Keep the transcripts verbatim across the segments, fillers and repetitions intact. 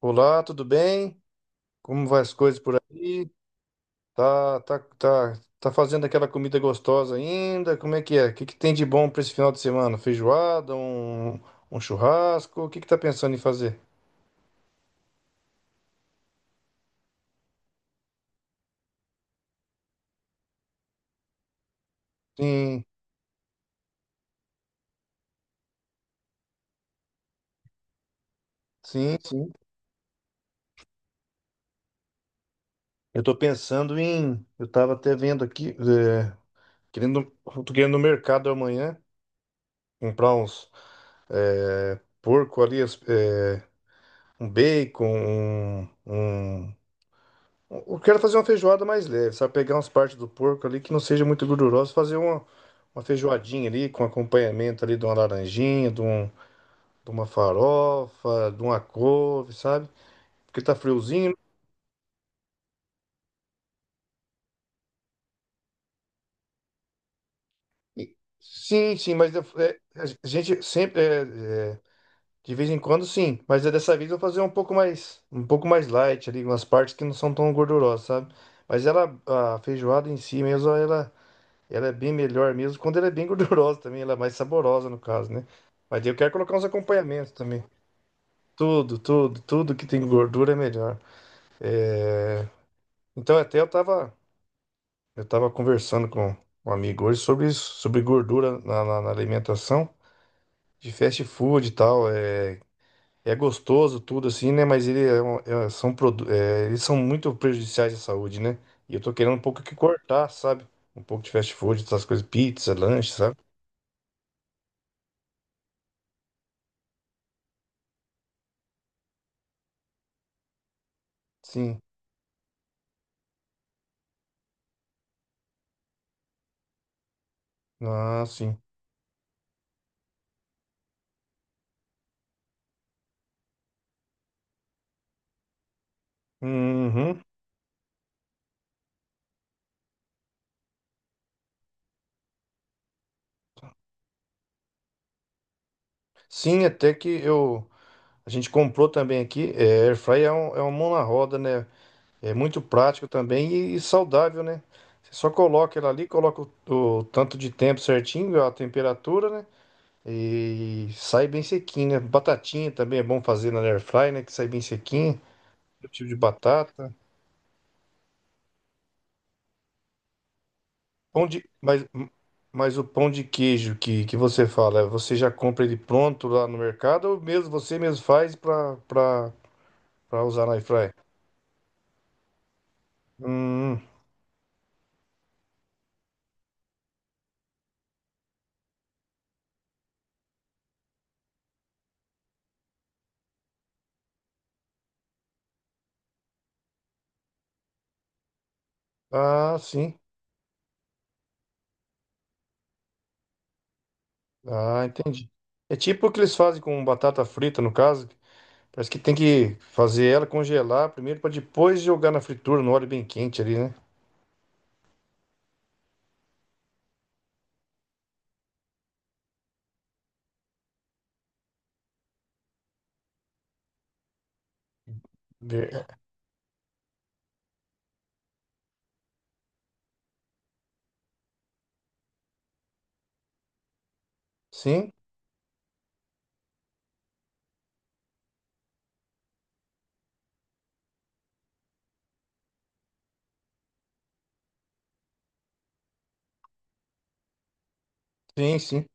Olá, tudo bem? Como vai as coisas por aí? Tá, tá, tá, tá fazendo aquela comida gostosa ainda? Como é que é? O que que tem de bom para esse final de semana? Feijoada, um, um churrasco? O que que tá pensando em fazer? Sim, sim, sim. Eu tô pensando em, eu tava até vendo aqui, é, querendo, tô querendo no mercado amanhã comprar uns é, porco ali, as- é, um bacon, um, um eu quero fazer uma feijoada mais leve, sabe? Pegar umas partes do porco ali que não seja muito gordurosa, fazer uma, uma feijoadinha ali com acompanhamento ali de uma laranjinha, de, um, de uma farofa, de uma couve, sabe? Porque tá friozinho. Né? E- Sim, sim, mas eu- é, a gente sempre, é, é, de vez em quando sim, mas é dessa vez eu vou fazer um pouco mais, um pouco mais light ali, umas partes que não são tão gordurosas, sabe? Mas ela, a feijoada em si mesmo, ela. Ela é bem melhor mesmo. Quando ela é bem gordurosa também, ela é mais saborosa no caso, né? Mas daí eu quero colocar uns acompanhamentos também. Tudo, tudo, tudo que tem gordura é melhor. É, então até eu tava, eu tava conversando com um amigo hoje sobre isso, sobre gordura na, na- na alimentação, de fast food e tal. É, é gostoso tudo assim, né? Mas ele é um- é- são, produ- é, eles são muito prejudiciais à saúde, né? E eu tô querendo um pouco que cortar, sabe? Um pouco de fast food, essas coisas, pizza, lanche, sabe? Sim. Ah, sim. Uhum. Sim, até que eu a gente comprou também aqui. É, air fry é, um- é uma mão na roda, né? É muito prático também e, e saudável, né? Você só coloca ela ali, coloca o, o tanto de tempo certinho, a temperatura, né? E sai bem sequinho, né? Batatinha também é bom fazer na air fry, né? Que sai bem sequinho. O tipo de batata. Pão de, mas, mas o pão de queijo que, que você fala, você já compra ele pronto lá no mercado ou mesmo você mesmo faz para pra usar na airfryer. Hum, ah, sim. Ah, entendi. É tipo o que eles fazem com batata frita, no caso. Parece que tem que fazer ela congelar primeiro para depois jogar na fritura, no óleo bem quente ali, né? Ver- é, sim, sim, sim.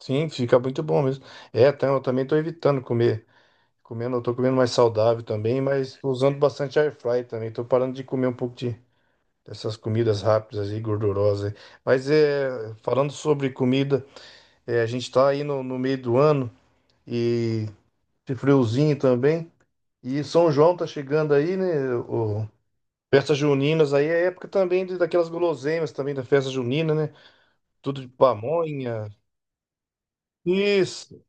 Sim, fica muito bom mesmo. É, tam- eu também tô evitando comer. Comendo, eu tô comendo mais saudável também, mas tô usando bastante air fry também. Tô parando de comer um pouco de dessas comidas rápidas e gordurosas. Aí. Mas é, falando sobre comida, é, a gente tá aí no no meio do ano. E esse friozinho também. E São João tá chegando aí, né? O... Festas juninas aí é época também de, daquelas guloseimas também da festa junina, né? Tudo de pamonha. Isso,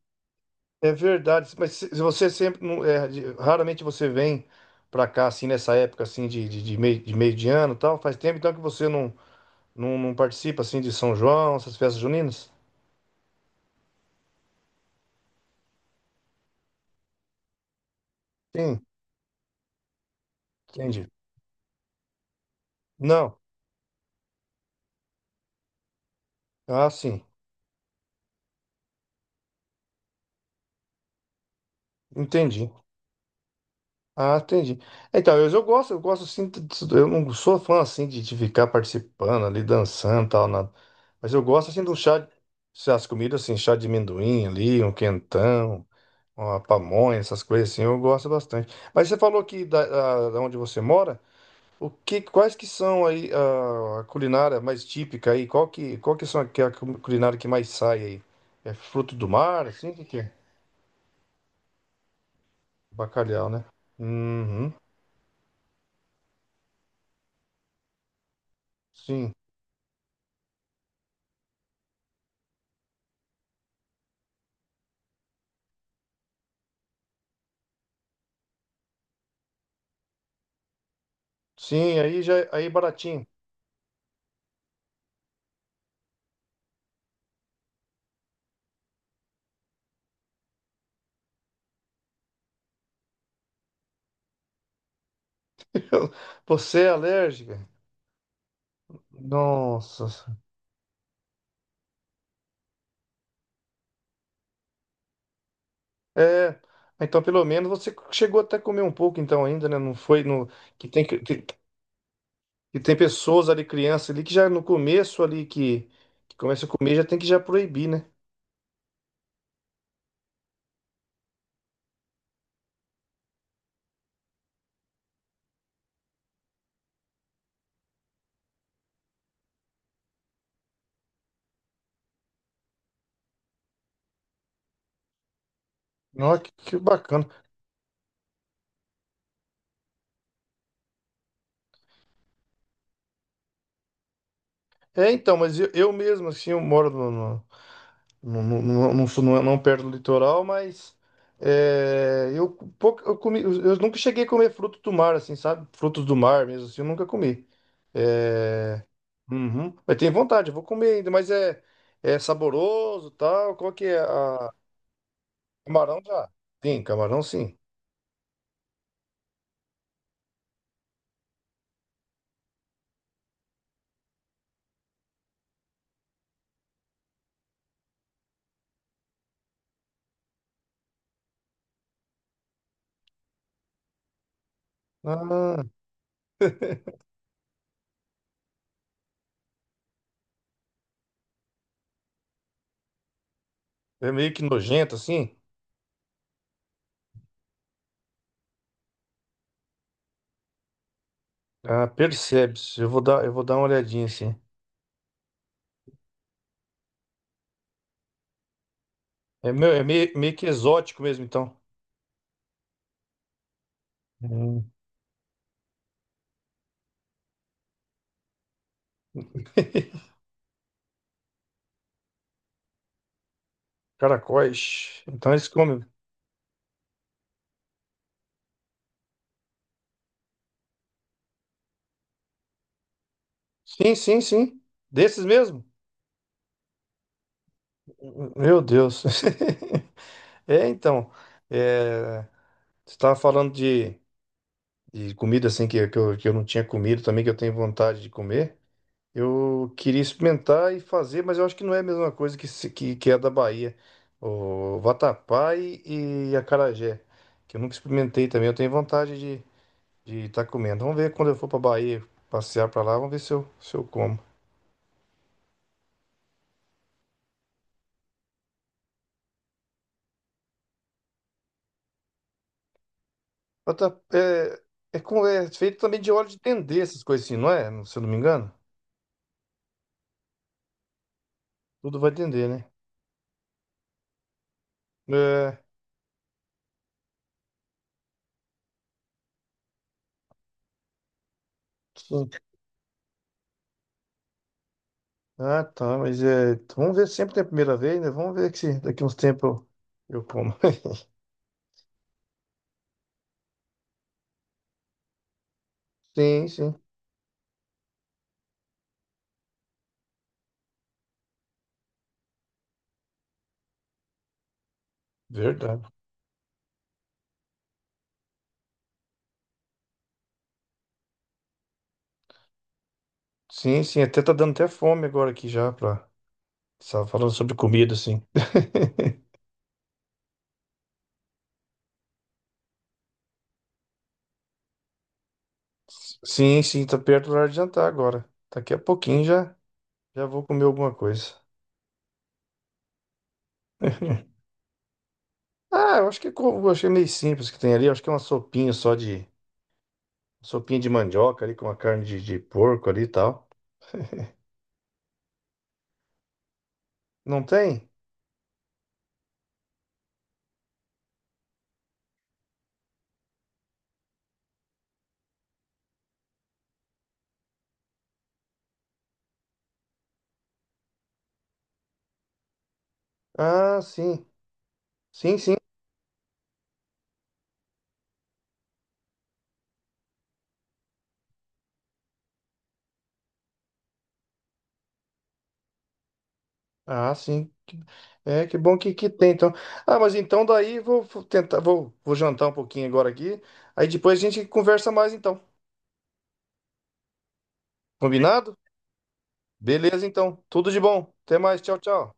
é verdade. Mas se se você sempre não- é, de- raramente você vem pra cá assim nessa época assim de, de, de meio, de meio de ano, e tal. Faz tempo então que você não, não, não participa assim de São João, essas festas juninas? Sim, entendi. Não. Ah, sim. Entendi. Ah, entendi. Então, eu, eu gosto, eu gosto assim, de- de- eu não sou fã assim de, de ficar participando ali, dançando e tal, nada. Mas eu gosto assim do chá, se as comidas assim, chá de amendoim ali, um quentão, uma pamonha, essas coisas assim, eu gosto bastante. Mas você falou que da, da- da onde você mora, o que, quais que são aí a, a culinária mais típica aí? Qual que, qual que são a, que é a cu- culinária que mais sai aí? É fruto do mar, assim, o que que é? Bacalhau, né? Uhum, sim. Sim, aí já aí baratinho. Você é alérgica? Nossa. É, então pelo menos você chegou até a comer um pouco então ainda, né? Não foi no que tem que que que tem pessoas ali criança ali que já no começo ali que, que começa a comer já tem que já proibir, né? Nossa, que, que bacana. É, então, mas eu, eu mesmo assim eu moro no, no- não, não, não, não, sou- não é, não perto do litoral, mas é, eu, pouco, eu, comi, eu nunca cheguei a comer fruto do mar, assim, sabe? Frutos do mar mesmo, assim, eu nunca comi. É, uhum. Mas tenho vontade, eu vou comer ainda, mas é, é saboroso tal. Qual que é a... Camarão já? Sim, camarão sim. Ah, é meio que nojento, assim. Ah, percebe-se. Eu vou dar, eu vou dar uma olhadinha, assim. É, meu, é meio, meio que exótico mesmo, então. Hum. Caracóis. Então eles comem. Sim, sim, sim. Desses mesmo? Meu Deus. É, então. É, você estava falando de, de comida assim que, que, eu, que eu não tinha comido também, que eu tenho vontade de comer. Eu queria experimentar e fazer, mas eu acho que não é a mesma coisa que, se- que, que é da Bahia. O vatapá e, e acarajé, que eu nunca experimentei também. Eu tenho vontade de estar de tá comendo. Vamos ver quando eu for para Bahia passear para lá, vamos ver se eu, se eu como. Mas tá- é, é, com- é feito também de óleo de dendê, essas coisas assim, não é? Se eu não me engano. Tudo vai dendê, né? É, sim. Ah, tá, mas é, vamos ver sempre tem a primeira vez, né? Vamos ver se daqui uns tempos eu, eu como. Sim, sim. Verdade. Sim, sim, até tá dando até fome agora aqui já pra... Só falando sobre comida, assim. Sim, sim, tá perto do horário de jantar agora. Daqui a pouquinho já, já vou comer alguma coisa. Ah, eu acho que como, eu achei meio simples que tem ali. Eu acho que é uma sopinha só de sopinha de mandioca ali com uma carne de, de porco ali e tal. Não tem? Ah, sim. Sim, sim. Ah, sim. Que- é, que bom que, que tem, então. Ah, mas então daí vou vou tentar, vou, vou jantar um pouquinho agora aqui. Aí depois a gente conversa mais então. Combinado? Beleza, então. Tudo de bom. Até mais. Tchau, tchau.